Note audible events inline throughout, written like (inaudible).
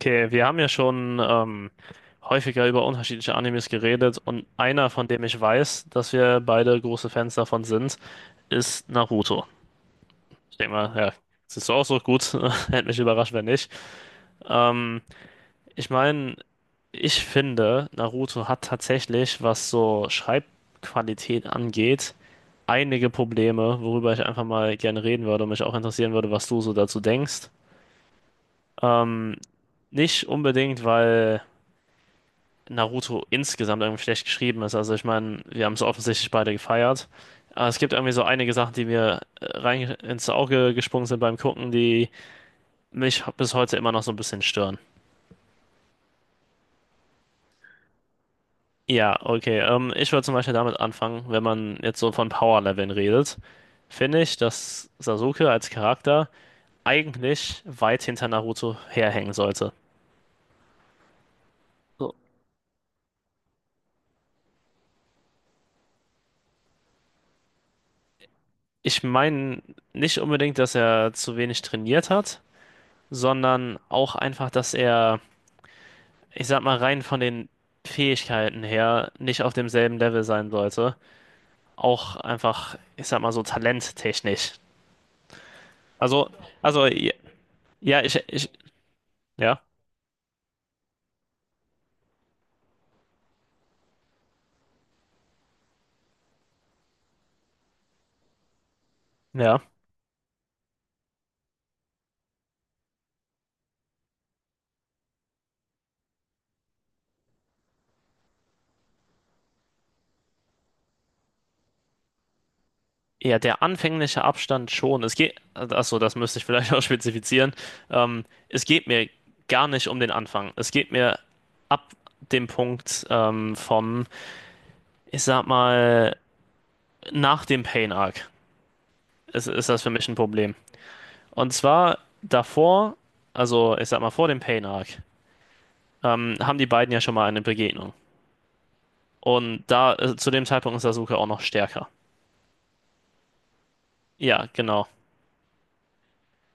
Okay, wir haben ja schon häufiger über unterschiedliche Animes geredet und einer, von dem ich weiß, dass wir beide große Fans davon sind, ist Naruto. Ich denke mal, ja, siehst du auch so gut. (laughs) Hätte mich überrascht, wenn nicht. Ähm, ich meine, ich finde, Naruto hat tatsächlich, was so Schreibqualität angeht, einige Probleme, worüber ich einfach mal gerne reden würde und mich auch interessieren würde, was du so dazu denkst. Ähm, nicht unbedingt, weil Naruto insgesamt irgendwie schlecht geschrieben ist. Also ich meine, wir haben es offensichtlich beide gefeiert. Aber es gibt irgendwie so einige Sachen, die mir rein ins Auge gesprungen sind beim Gucken, die mich bis heute immer noch so ein bisschen stören. Ja, okay. Ich würde zum Beispiel damit anfangen, wenn man jetzt so von Power-Leveln redet, finde ich, dass Sasuke als Charakter eigentlich weit hinter Naruto herhängen sollte. So. Ich meine nicht unbedingt, dass er zu wenig trainiert hat, sondern auch einfach, dass er, ich sag mal, rein von den Fähigkeiten her nicht auf demselben Level sein sollte. Auch einfach, ich sag mal so talenttechnisch. Also, also, ja, ja, ich, ja, ja. Ja, der anfängliche Abstand schon. Es geht, achso, das müsste ich vielleicht (laughs) auch spezifizieren. Es geht mir gar nicht um den Anfang. Es geht mir ab dem Punkt, vom, ich sag mal, nach dem Pain Arc ist das für mich ein Problem. Und zwar davor, also ich sag mal vor dem Pain-Arc, haben die beiden ja schon mal eine Begegnung. Und da, zu dem Zeitpunkt ist Sasuke auch noch stärker. Ja, genau.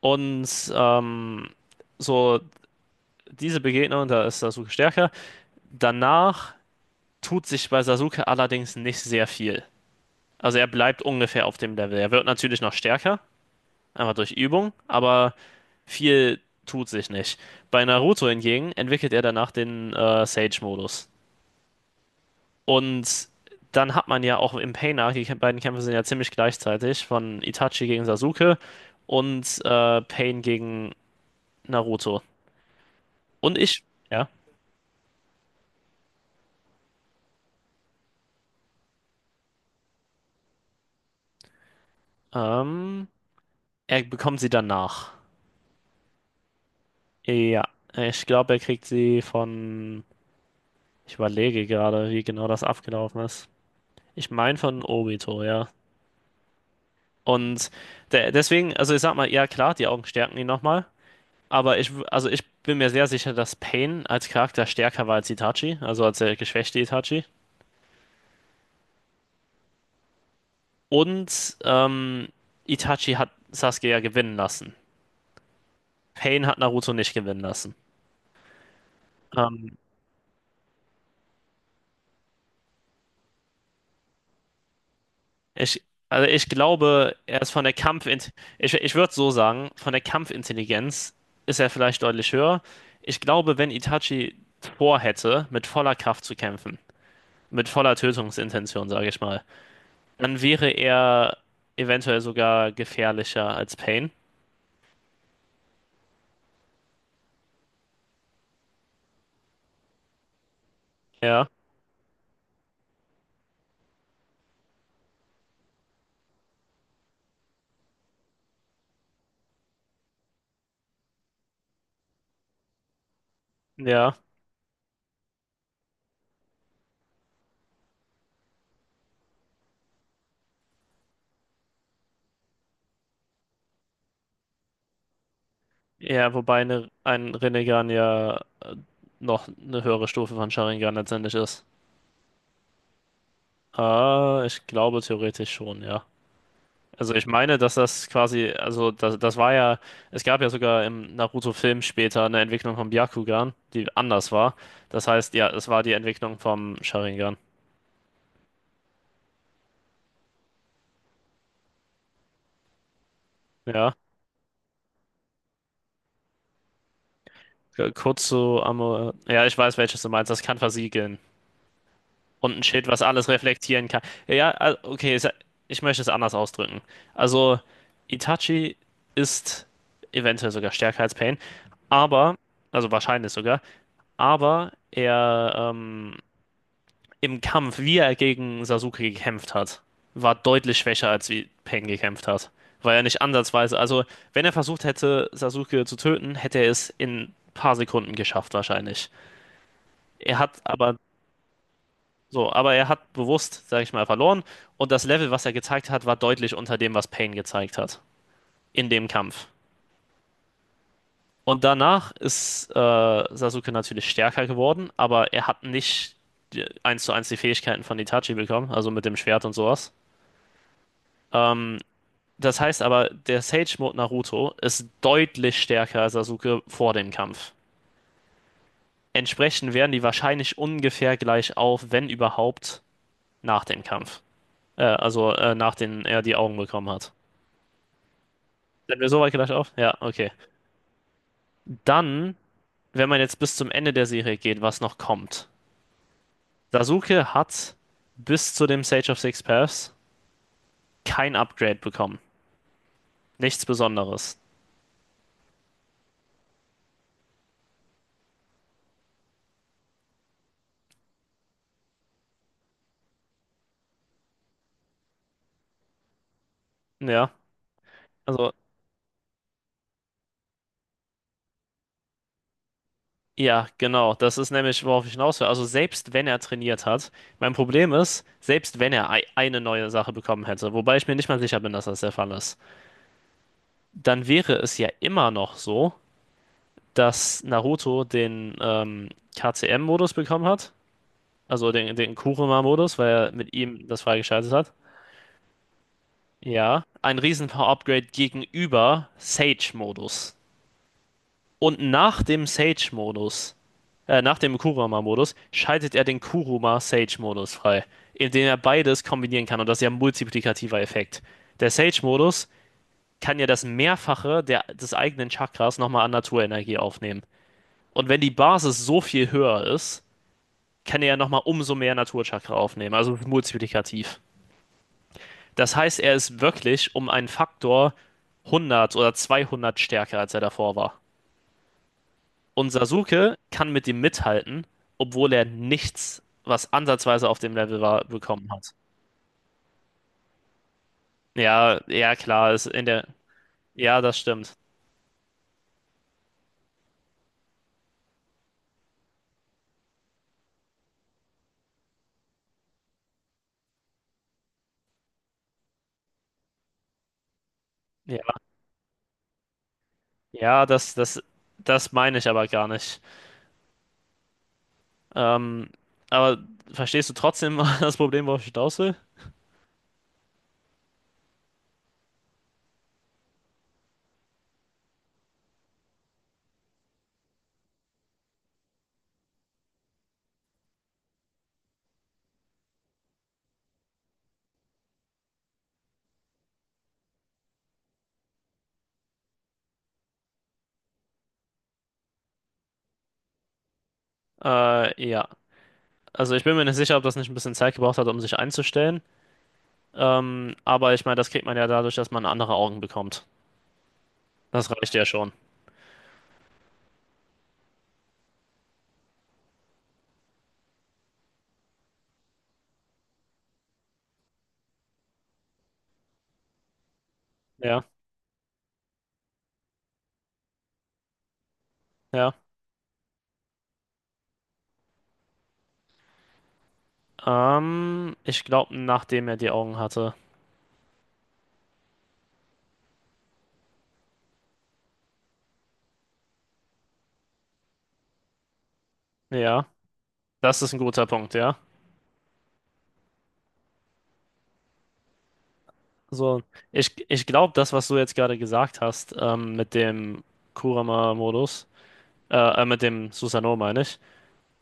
Und ähm, so diese Begegnung, da ist Sasuke stärker. Danach tut sich bei Sasuke allerdings nicht sehr viel. Also er bleibt ungefähr auf dem Level. Er wird natürlich noch stärker, einfach durch Übung, aber viel tut sich nicht. Bei Naruto hingegen entwickelt er danach den Sage-Modus. Und dann hat man ja auch im Pain Arc, die beiden Kämpfe sind ja ziemlich gleichzeitig, von Itachi gegen Sasuke und Pain gegen Naruto. Und ich, ja, ähm, er bekommt sie danach. Ja, ich glaube, er kriegt sie von, ich überlege gerade, wie genau das abgelaufen ist. Ich meine von Obito, ja. Und de deswegen, also ich sag mal, ja klar, die Augen stärken ihn nochmal. Aber also ich bin mir sehr sicher, dass Pain als Charakter stärker war als Itachi, also als der geschwächte Itachi. Und Itachi hat Sasuke ja gewinnen lassen. Pain hat Naruto nicht gewinnen lassen. Ähm, ich, also ich glaube, er ist von der ich würde so sagen, von der Kampfintelligenz ist er vielleicht deutlich höher. Ich glaube, wenn Itachi vorhätte, mit voller Kraft zu kämpfen, mit voller Tötungsintention, sage ich mal, dann wäre er eventuell sogar gefährlicher als Pain. Ja, ja. Ja, wobei ein Rinnegan ja noch eine höhere Stufe von Sharingan letztendlich ist. Ah, ich glaube theoretisch schon, ja. Also ich meine, dass das quasi, also das, das war ja, es gab ja sogar im Naruto-Film später eine Entwicklung vom Byakugan, die anders war. Das heißt, ja, es war die Entwicklung vom Sharingan. Ja, k- kurz zu Amor, ja, ich weiß, welches du meinst, das kann versiegeln. Und ein Schild, was alles reflektieren kann. Ja, ah, okay, es- ich möchte es anders ausdrücken. Also, Itachi ist eventuell sogar stärker als Pain, aber, also wahrscheinlich sogar, aber er, im Kampf, wie er gegen Sasuke gekämpft hat, war deutlich schwächer, als wie Pain gekämpft hat. Weil er nicht ansatzweise, also wenn er versucht hätte, Sasuke zu töten, hätte er es in ein paar Sekunden geschafft, wahrscheinlich. Er hat aber So, aber er hat bewusst, sag ich mal, verloren. Und das Level, was er gezeigt hat, war deutlich unter dem, was Pain gezeigt hat. In dem Kampf. Und danach ist Sasuke natürlich stärker geworden, aber er hat nicht eins zu eins die Fähigkeiten von Itachi bekommen, also mit dem Schwert und sowas. Ähm, das heißt aber, der Sage-Mode Naruto ist deutlich stärker als Sasuke vor dem Kampf. Entsprechend wären die wahrscheinlich ungefähr gleich auf, wenn überhaupt, nach dem Kampf. Also nachdem er die Augen bekommen hat. Sind wir so weit gleich auf? Ja, okay. Dann, wenn man jetzt bis zum Ende der Serie geht, was noch kommt. Sasuke hat bis zu dem Sage of Six Paths kein Upgrade bekommen. Nichts Besonderes. Ja, also, ja, genau. Das ist nämlich, worauf ich hinaus will. Also, selbst wenn er trainiert hat, mein Problem ist, selbst wenn er eine neue Sache bekommen hätte, wobei ich mir nicht mal sicher bin, dass das der Fall ist, dann wäre es ja immer noch so, dass Naruto den, KCM-Modus bekommen hat. Also den, Kuruma-Modus, weil er mit ihm das freigeschaltet hat. Ja. Ein Riesen-Power-Upgrade gegenüber Sage-Modus. Und nach dem Sage-Modus, nach dem Kuruma-Modus, schaltet er den Kuruma-Sage-Modus frei, indem er beides kombinieren kann. Und das ist ja ein multiplikativer Effekt. Der Sage-Modus kann ja das Mehrfache der, des eigenen Chakras nochmal an Naturenergie aufnehmen. Und wenn die Basis so viel höher ist, kann er ja nochmal umso mehr Naturchakra aufnehmen. Also multiplikativ. Das heißt, er ist wirklich um einen Faktor 100 oder 200 stärker, als er davor war. Und Sasuke kann mit ihm mithalten, obwohl er nichts, was ansatzweise auf dem Level war, bekommen hat. Ja, ja, klar, ist in der. Ja, das stimmt. Ja, ja, das meine ich aber gar nicht. Ähm, aber verstehst du trotzdem (laughs) das Problem, worauf ich hinaus will? Ja. Also ich bin mir nicht sicher, ob das nicht ein bisschen Zeit gebraucht hat, um sich einzustellen. Aber ich meine, das kriegt man ja dadurch, dass man andere Augen bekommt. Das reicht ja schon. Ja, ja. Ich glaube, nachdem er die Augen hatte. Ja, das ist ein guter Punkt, ja. So, ich glaube, das, was du jetzt gerade gesagt hast, mit dem Kurama-Modus, äh, mit dem Susanoo meine ich,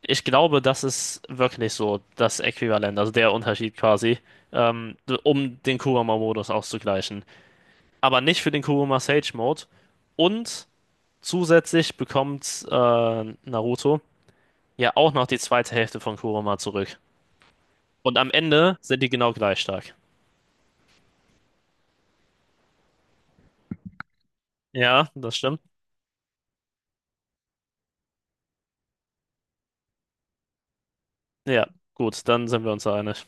ich glaube, das ist wirklich so das Äquivalent, also der Unterschied quasi, um den Kurama-Modus auszugleichen. Aber nicht für den Kurama-Sage-Mode und zusätzlich bekommt Naruto ja auch noch die zweite Hälfte von Kurama zurück. Und am Ende sind die genau gleich stark. Ja, das stimmt. Ja, gut, dann sind wir uns einig.